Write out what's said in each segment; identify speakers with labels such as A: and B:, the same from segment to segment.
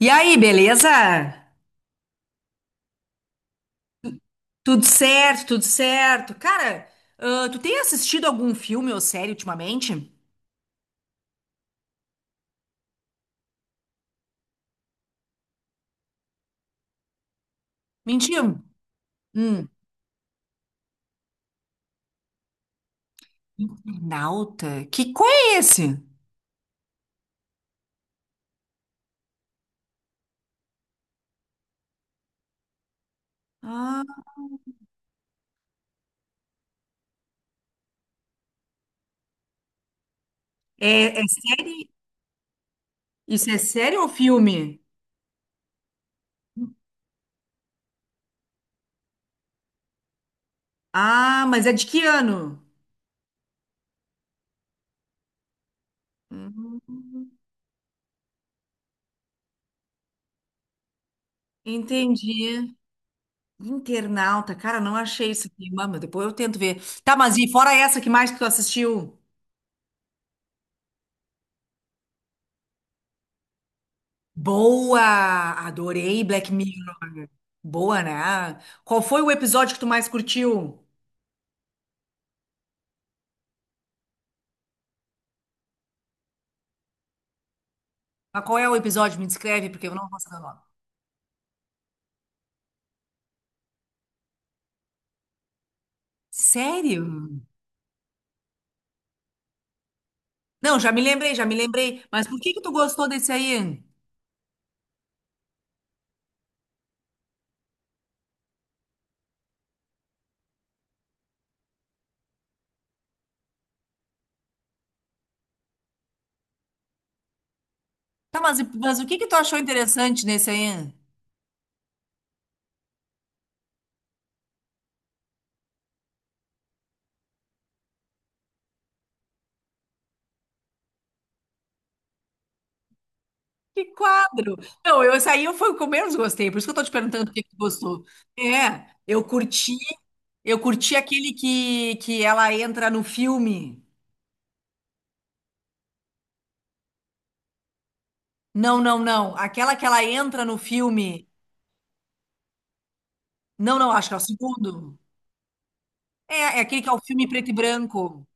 A: E aí, beleza? Tudo certo, tudo certo. Cara, tu tem assistido algum filme ou série ultimamente? Mentiu? Hum. Nauta? Que qual é esse? Ah, é, é série? Isso é série ou filme? Ah, mas é de que ano? Hum, entendi. Internauta, cara, não achei isso aqui. Mas depois eu tento ver. Tá, mas e fora essa, que mais que tu assistiu? Boa! Adorei Black Mirror. Boa, né? Qual foi o episódio que tu mais curtiu? Mas qual é o episódio? Me descreve, porque eu não vou saber o nome. Sério? Não, já me lembrei, já me lembrei. Mas por que que tu gostou desse aí? Tá, mas, o que que tu achou interessante nesse aí? Que quadro! Não, eu, esse aí foi o que eu menos gostei, por isso que eu tô te perguntando o que que tu gostou. É, eu curti aquele que ela entra no filme. Não, não, não. Aquela que ela entra no filme. Não, não, acho que é o segundo. É, é aquele que é o filme preto e branco.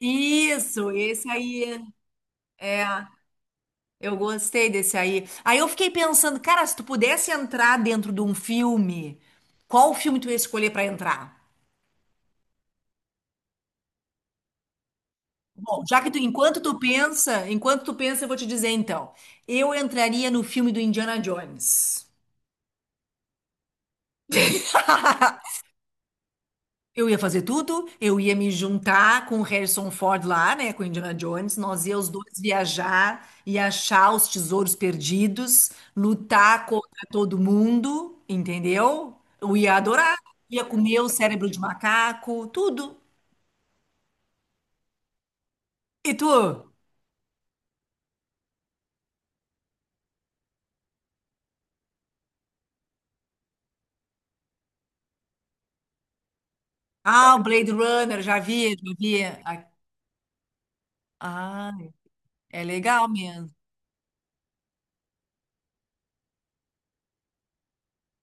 A: Isso, esse aí. É, eu gostei desse aí. Aí eu fiquei pensando, cara, se tu pudesse entrar dentro de um filme, qual filme tu ia escolher pra entrar? Bom, já que tu, enquanto tu pensa, eu vou te dizer então. Eu entraria no filme do Indiana Jones. Eu ia fazer tudo, eu ia me juntar com o Harrison Ford lá, né, com o Indiana Jones, nós ia os dois viajar e achar os tesouros perdidos, lutar contra todo mundo, entendeu? Eu ia adorar, ia comer o cérebro de macaco, tudo. E tu? Ah, o Blade Runner, já vi, já vi. Ah, é legal mesmo.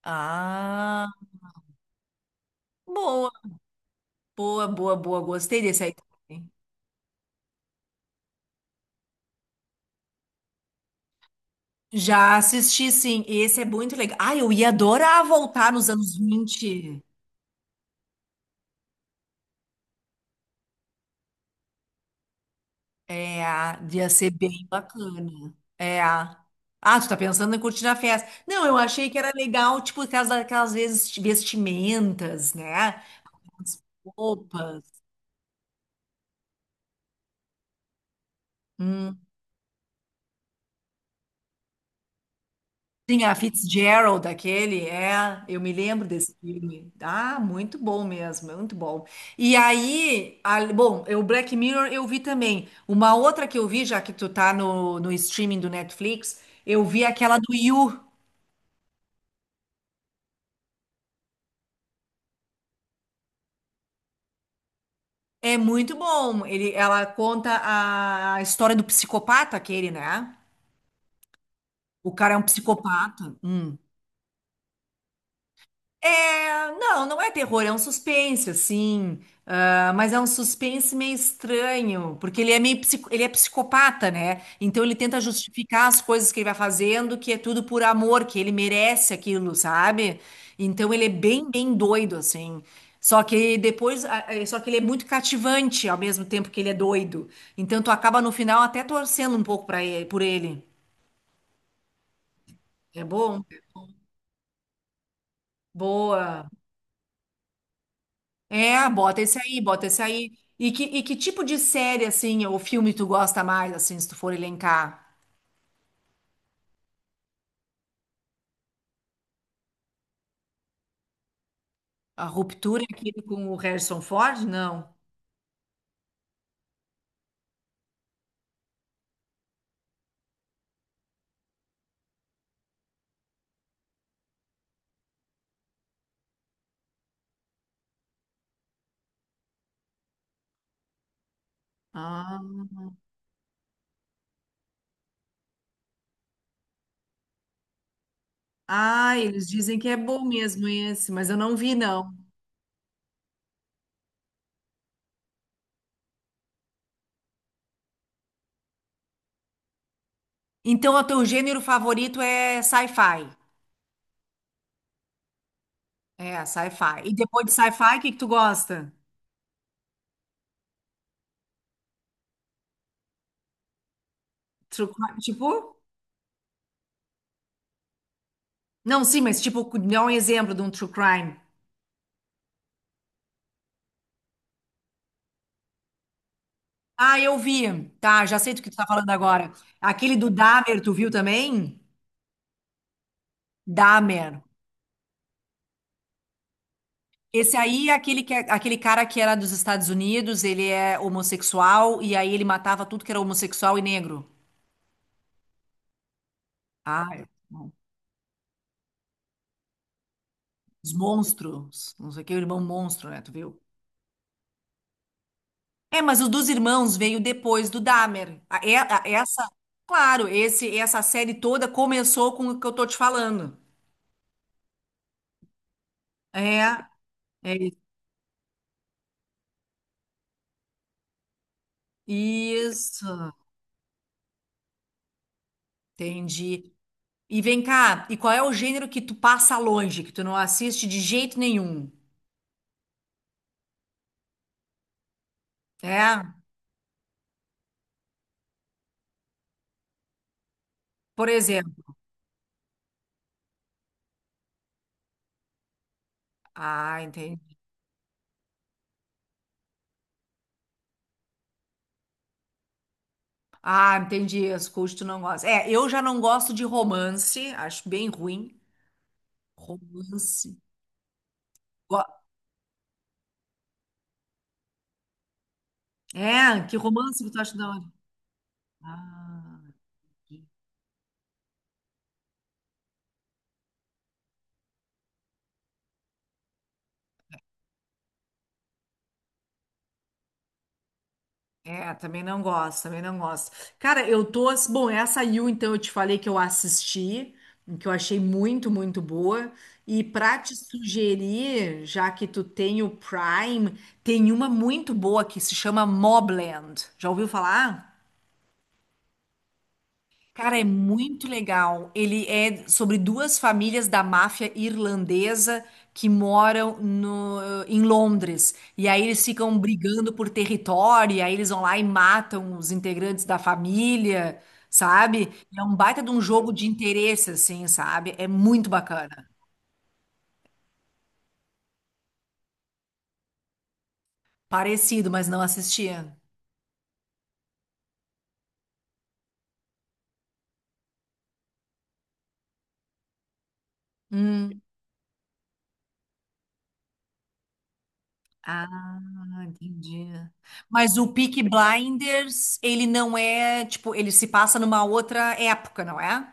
A: Ah, boa, boa, boa, boa, gostei desse aí. Já assisti, sim. Esse é muito legal. Ah, eu ia adorar voltar nos anos 20. É, ia ser bem bacana. É. Ah, tu tá pensando em curtir a festa. Não, eu achei que era legal, tipo, aquelas, vezes vestimentas, né? As roupas. Hum. Sim, a Fitzgerald, aquele, é, eu me lembro desse filme. Ah, muito bom mesmo, é muito bom. E aí, bom, o Black Mirror eu vi também. Uma outra que eu vi, já que tu tá no, no streaming do Netflix, eu vi aquela do You. É muito bom. Ele, ela conta a história do psicopata, aquele, né? O cara é um psicopata. Hum. É, não, não é terror, é um suspense, assim. Ah, mas é um suspense meio estranho, porque ele é meio ele é psicopata, né? Então ele tenta justificar as coisas que ele vai fazendo, que é tudo por amor, que ele merece aquilo, sabe? Então ele é bem, bem doido, assim. Só que depois, só que ele é muito cativante ao mesmo tempo que ele é doido. Então tu acaba no final até torcendo um pouco para ele, por ele. É bom? Boa. É, bota esse aí, bota esse aí. E que tipo de série, assim, ou filme tu gosta mais, assim, se tu for elencar? A Ruptura, aquele com o Harrison Ford? Não. Ah, ah, eles dizem que é bom mesmo esse, mas eu não vi, não. Então, o teu gênero favorito é sci-fi. É, sci-fi. E depois de sci-fi, o que que tu gosta? True crime, tipo? Não, sim, mas tipo, dá um exemplo de um true crime. Ah, eu vi. Tá, já sei do que tu tá falando agora. Aquele do Dahmer, tu viu também? Dahmer. Esse aí é aquele, que, é, aquele cara que era dos Estados Unidos, ele é homossexual, e aí ele matava tudo que era homossexual e negro. Ah, é. Bom. Os monstros. Não sei o que, o irmão monstro, né? Tu viu? É, mas o dos irmãos veio depois do Dahmer. Essa, claro, essa série toda começou com o que eu tô te falando. É, é isso. Entendi. E vem cá, e qual é o gênero que tu passa longe, que tu não assiste de jeito nenhum? É? Por exemplo, ah, entendi. Ah, entendi. As coisas que tu não gosta. É, eu já não gosto de romance, acho bem ruim. Romance. Go- É, que romance que tu acha da hora? Ah, que- é, também não gosto, também não gosto. Cara, eu tô. Bom, essa You, então, eu te falei que eu assisti, que eu achei muito, muito boa. E pra te sugerir, já que tu tem o Prime, tem uma muito boa que se chama Mobland. Já ouviu falar? Cara, é muito legal. Ele é sobre duas famílias da máfia irlandesa que moram no, em Londres. E aí eles ficam brigando por território, e aí eles vão lá e matam os integrantes da família, sabe? É um baita de um jogo de interesse, assim, sabe? É muito bacana. Parecido, mas não assistia. Hum. Ah, entendi. Mas o Peaky Blinders, ele não é, tipo, ele se passa numa outra época, não é?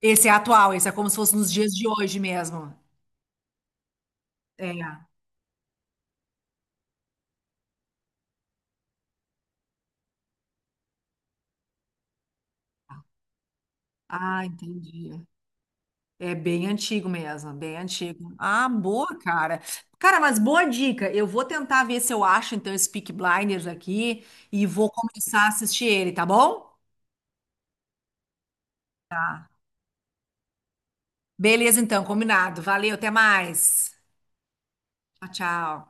A: Esse é atual, esse é como se fosse nos dias de hoje mesmo. É. Ah, entendi. É bem antigo mesmo, bem antigo. Ah, boa, cara. Cara, mas boa dica. Eu vou tentar ver se eu acho então esse Peaky Blinders aqui e vou começar a assistir ele, tá bom? Tá. Beleza, então, combinado. Valeu, até mais. Tchau, tchau.